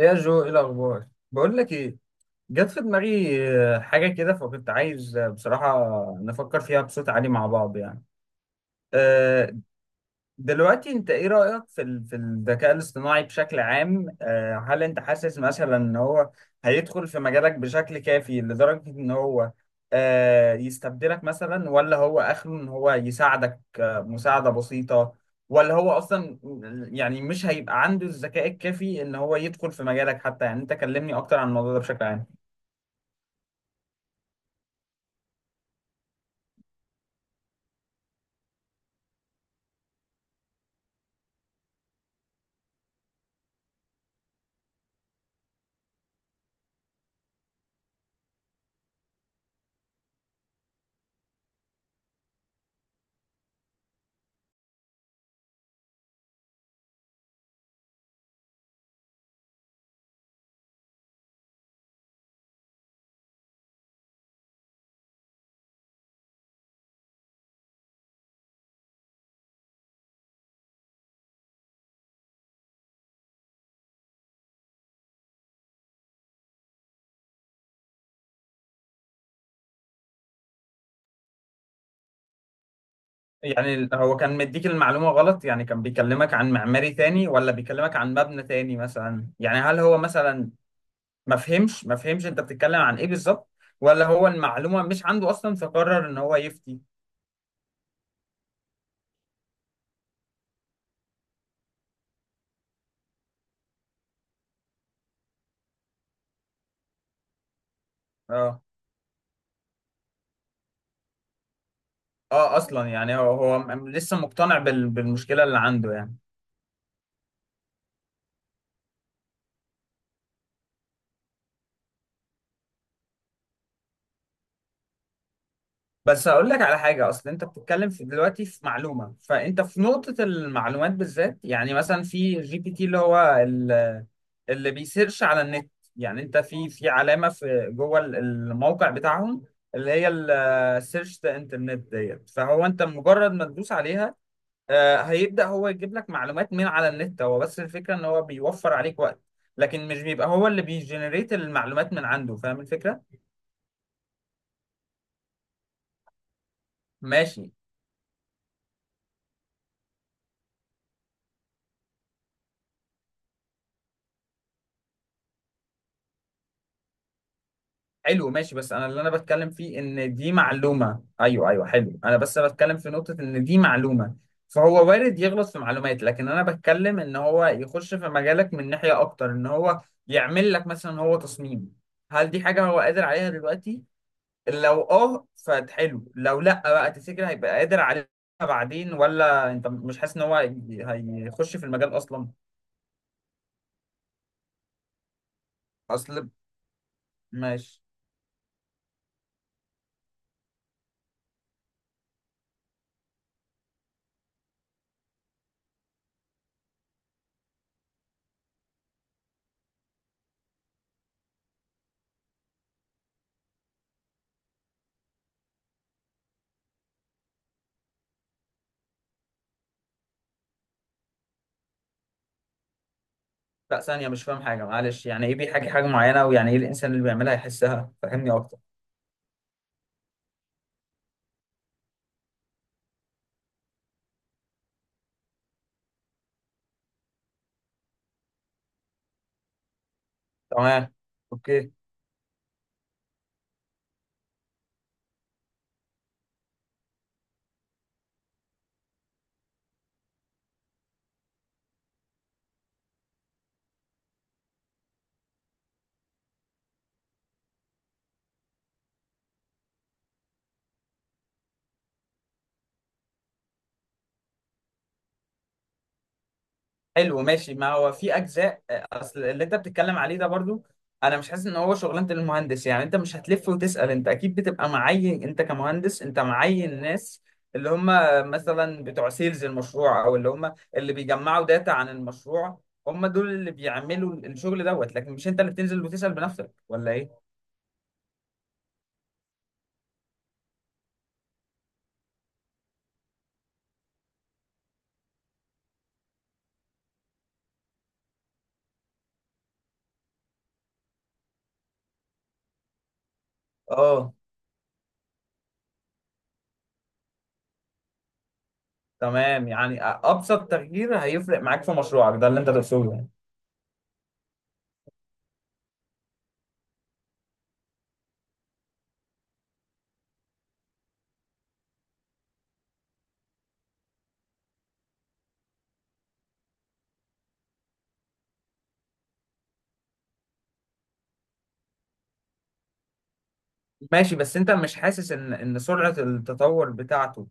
ايه يا جو، ايه الاخبار؟ بقول لك ايه، جت في دماغي حاجه كده، فكنت عايز بصراحه نفكر فيها بصوت عالي مع بعض يعني. آه، دلوقتي انت ايه رأيك في في الذكاء الاصطناعي بشكل عام؟ هل انت حاسس مثلا ان هو هيدخل في مجالك بشكل كافي لدرجة ان هو يستبدلك مثلا، ولا هو اخره ان هو يساعدك مساعدة بسيطة، ولا هو اصلا يعني مش هيبقى عنده الذكاء الكافي ان هو يدخل في مجالك حتى؟ يعني انت كلمني اكتر عن الموضوع ده بشكل عام. يعني هو كان مديك المعلومة غلط؟ يعني كان بيكلمك عن معماري تاني ولا بيكلمك عن مبنى تاني مثلا؟ يعني هل هو مثلا ما فهمش انت بتتكلم عن ايه بالظبط، ولا هو المعلومه مش عنده اصلا فقرر ان هو يفتي؟ اه اه، اصلا يعني هو لسه مقتنع بالمشكله اللي عنده يعني. بس هقول لك على حاجه، اصل انت بتتكلم في دلوقتي في معلومه، فانت في نقطه المعلومات بالذات يعني، مثلا في جي بي تي اللي هو اللي بيسيرش على النت، يعني انت في علامه في جوه الموقع بتاعهم اللي هي السيرش ذا انترنت ديت، فهو انت مجرد ما تدوس عليها هيبدأ هو يجيب لك معلومات من على النت، هو بس الفكرة ان هو بيوفر عليك وقت، لكن مش بيبقى هو اللي بيجنريت المعلومات من عنده، فاهم الفكرة؟ ماشي. حلو ماشي، بس انا اللي انا بتكلم فيه ان دي معلومة، ايوه ايوه، حلو، انا بس بتكلم في نقطة ان دي معلومة فهو وارد يغلط في معلومات، لكن انا بتكلم ان هو يخش في مجالك من ناحية اكتر، ان هو يعمل لك مثلا هو تصميم. هل دي حاجة هو قادر عليها دلوقتي؟ لو اه فحلو، لو لا بقى تفتكر هيبقى قادر عليها بعدين؟ ولا انت مش حاسس ان هو هيخش في المجال اصلا؟ اصل ماشي. لا ثانية، مش فاهم حاجة معلش، يعني ايه بيحكي حاجة معينة، ويعني ايه الانسان اللي بيعملها يحسها؟ فهمني اكتر. تمام، اوكي. حلو ماشي، ما هو في اجزاء، اصل اللي انت بتتكلم عليه ده برضو انا مش حاسس ان هو شغلانه المهندس، يعني انت مش هتلف وتسال، انت اكيد بتبقى معين، انت كمهندس انت معين ناس اللي هم مثلا بتوع سيلز المشروع، او اللي هم اللي بيجمعوا داتا عن المشروع، هم دول اللي بيعملوا الشغل دوت. لكن مش انت اللي بتنزل وتسال بنفسك، ولا ايه؟ اه تمام، يعني ابسط تغيير هيفرق معاك في مشروعك ده اللي انت تقصده يعني. ماشي، بس انت مش حاسس ان سرعه التطور بتاعته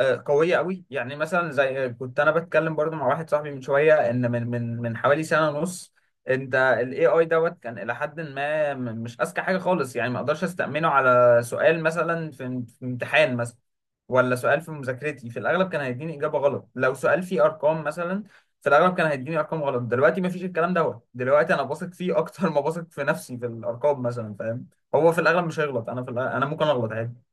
قوية قوي؟ يعني مثلا زي كنت انا بتكلم برضو مع واحد صاحبي من شوية، ان من حوالي سنة ونص انت الاي اي دوت كان الى حد ما مش اذكى حاجة خالص، يعني ما اقدرش استأمنه على سؤال مثلا في امتحان مثلا، ولا سؤال في مذاكرتي، في الاغلب كان هيديني اجابة غلط، لو سؤال فيه ارقام مثلا في الاغلب كان هيديني ارقام غلط. دلوقتي ما فيش الكلام دوت، دلوقتي انا بثق فيه اكتر ما بثق في نفسي في الارقام مثلا، فاهم؟ هو في الاغلب مش هيغلط، انا في الأغلب انا ممكن اغلط عادي.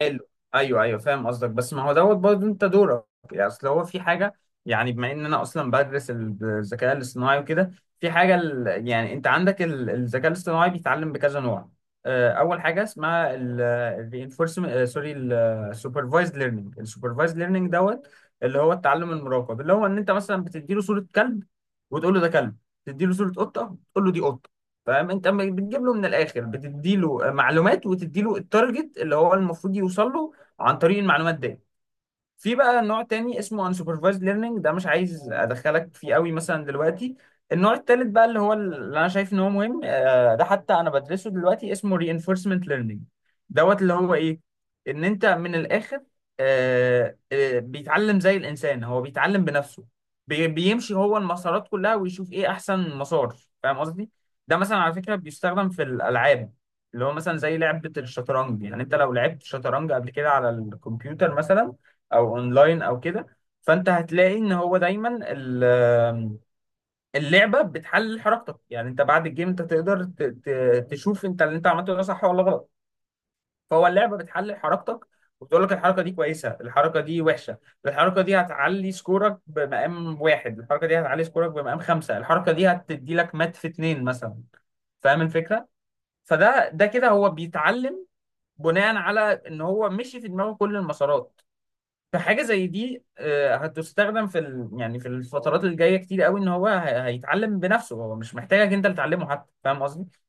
حلو، ايوه ايوه فاهم قصدك، بس ما هو دوت برضه انت دورك، يعني اصل هو في حاجه، يعني بما ان انا اصلا بدرس الذكاء الاصطناعي وكده، في حاجه يعني انت عندك الذكاء الاصطناعي بيتعلم بكذا نوع. اول حاجه اسمها الرينفورسمنت سوري، السوبرفايزد ليرنينج، السوبرفايزد ليرنينج دوت اللي هو التعلم المراقب، اللي هو ان انت مثلا بتدي له صوره كلب وتقول له ده كلب، تدي له صوره قطه تقول له دي قطه. فاهم؟ انت بتجيب له من الاخر، بتدي له معلومات وتدي له التارجت اللي هو المفروض يوصل له عن طريق المعلومات دي. في بقى نوع تاني اسمه unsupervised learning، ده مش عايز ادخلك فيه قوي مثلا دلوقتي. النوع التالت بقى اللي هو اللي انا شايف ان هو مهم، ده حتى انا بدرسه دلوقتي، اسمه reinforcement learning دوت. اللي هو ايه؟ ان انت من الاخر بيتعلم زي الانسان، هو بيتعلم بنفسه، بيمشي هو المسارات كلها ويشوف ايه احسن مسار. فاهم قصدي؟ ده مثلا على فكرة بيستخدم في الالعاب، اللي هو مثلا زي لعبة الشطرنج. يعني انت لو لعبت شطرنج قبل كده على الكمبيوتر مثلا او اونلاين او كده، فانت هتلاقي ان هو دايما اللعبه بتحلل حركتك، يعني انت بعد الجيم انت تقدر تشوف انت اللي انت عملته ده صح ولا غلط. فهو اللعبه بتحلل حركتك وبتقول لك الحركه دي كويسه، الحركه دي وحشه، الحركه دي هتعلي سكورك بمقام واحد، الحركه دي هتعلي سكورك بمقام خمسه، الحركه دي هتدي لك مات في اتنين مثلا. فاهم الفكره؟ فده كده هو بيتعلم بناء على ان هو مشي في دماغه كل المسارات. فحاجه زي دي هتستخدم في يعني في الفترات الجايه كتير قوي، ان هو هيتعلم بنفسه، هو مش محتاجك انت اللي تعلمه حتى. فاهم قصدي؟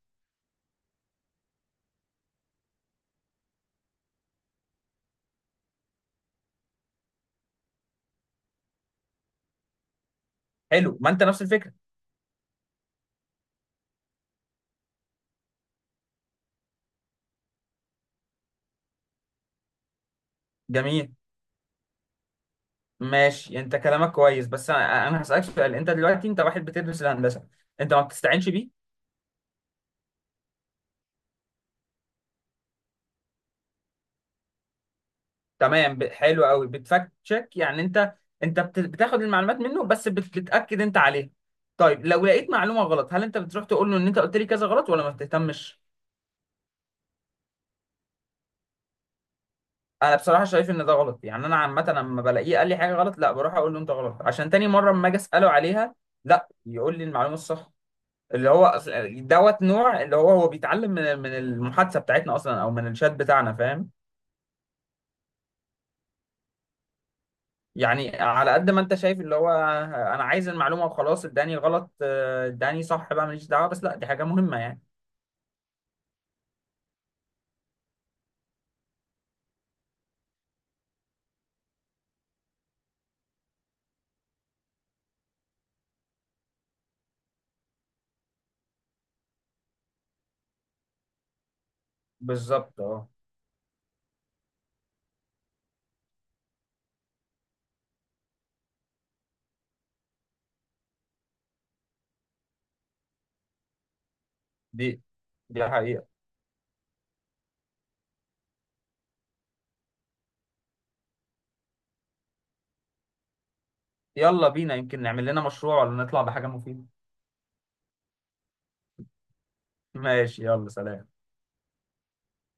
حلو، ما انت نفس الفكره. جميل ماشي، انت كلامك كويس، بس انا هسالك سؤال: انت دلوقتي انت واحد بتدرس الهندسه، انت ما بتستعينش بيه؟ تمام، حلو قوي، بتفاكت تشيك يعني، انت بتاخد المعلومات منه بس بتاكد انت عليها. طيب لو لقيت معلومه غلط، هل انت بتروح تقول له ان انت قلت لي كذا غلط، ولا ما بتهتمش؟ انا بصراحه شايف ان ده غلط، يعني انا عامه لما بلاقيه قال لي حاجه غلط، لا بروح اقول له انت غلط عشان تاني مره اما اجي اساله عليها لا يقول لي المعلومه الصح. اللي هو دوت نوع اللي هو هو بيتعلم من المحادثه بتاعتنا اصلا او من الشات بتاعنا، فاهم؟ يعني على قد ما انت شايف، اللي هو انا عايز المعلومه وخلاص، اداني غلط اداني صح بقى ماليش دعوه، بس لا دي حاجه مهمه يعني. بالظبط اه. دي دي حقيقه. يلا بينا، يمكن نعمل لنا مشروع ولا نطلع بحاجه مفيده. ماشي يلا، سلام.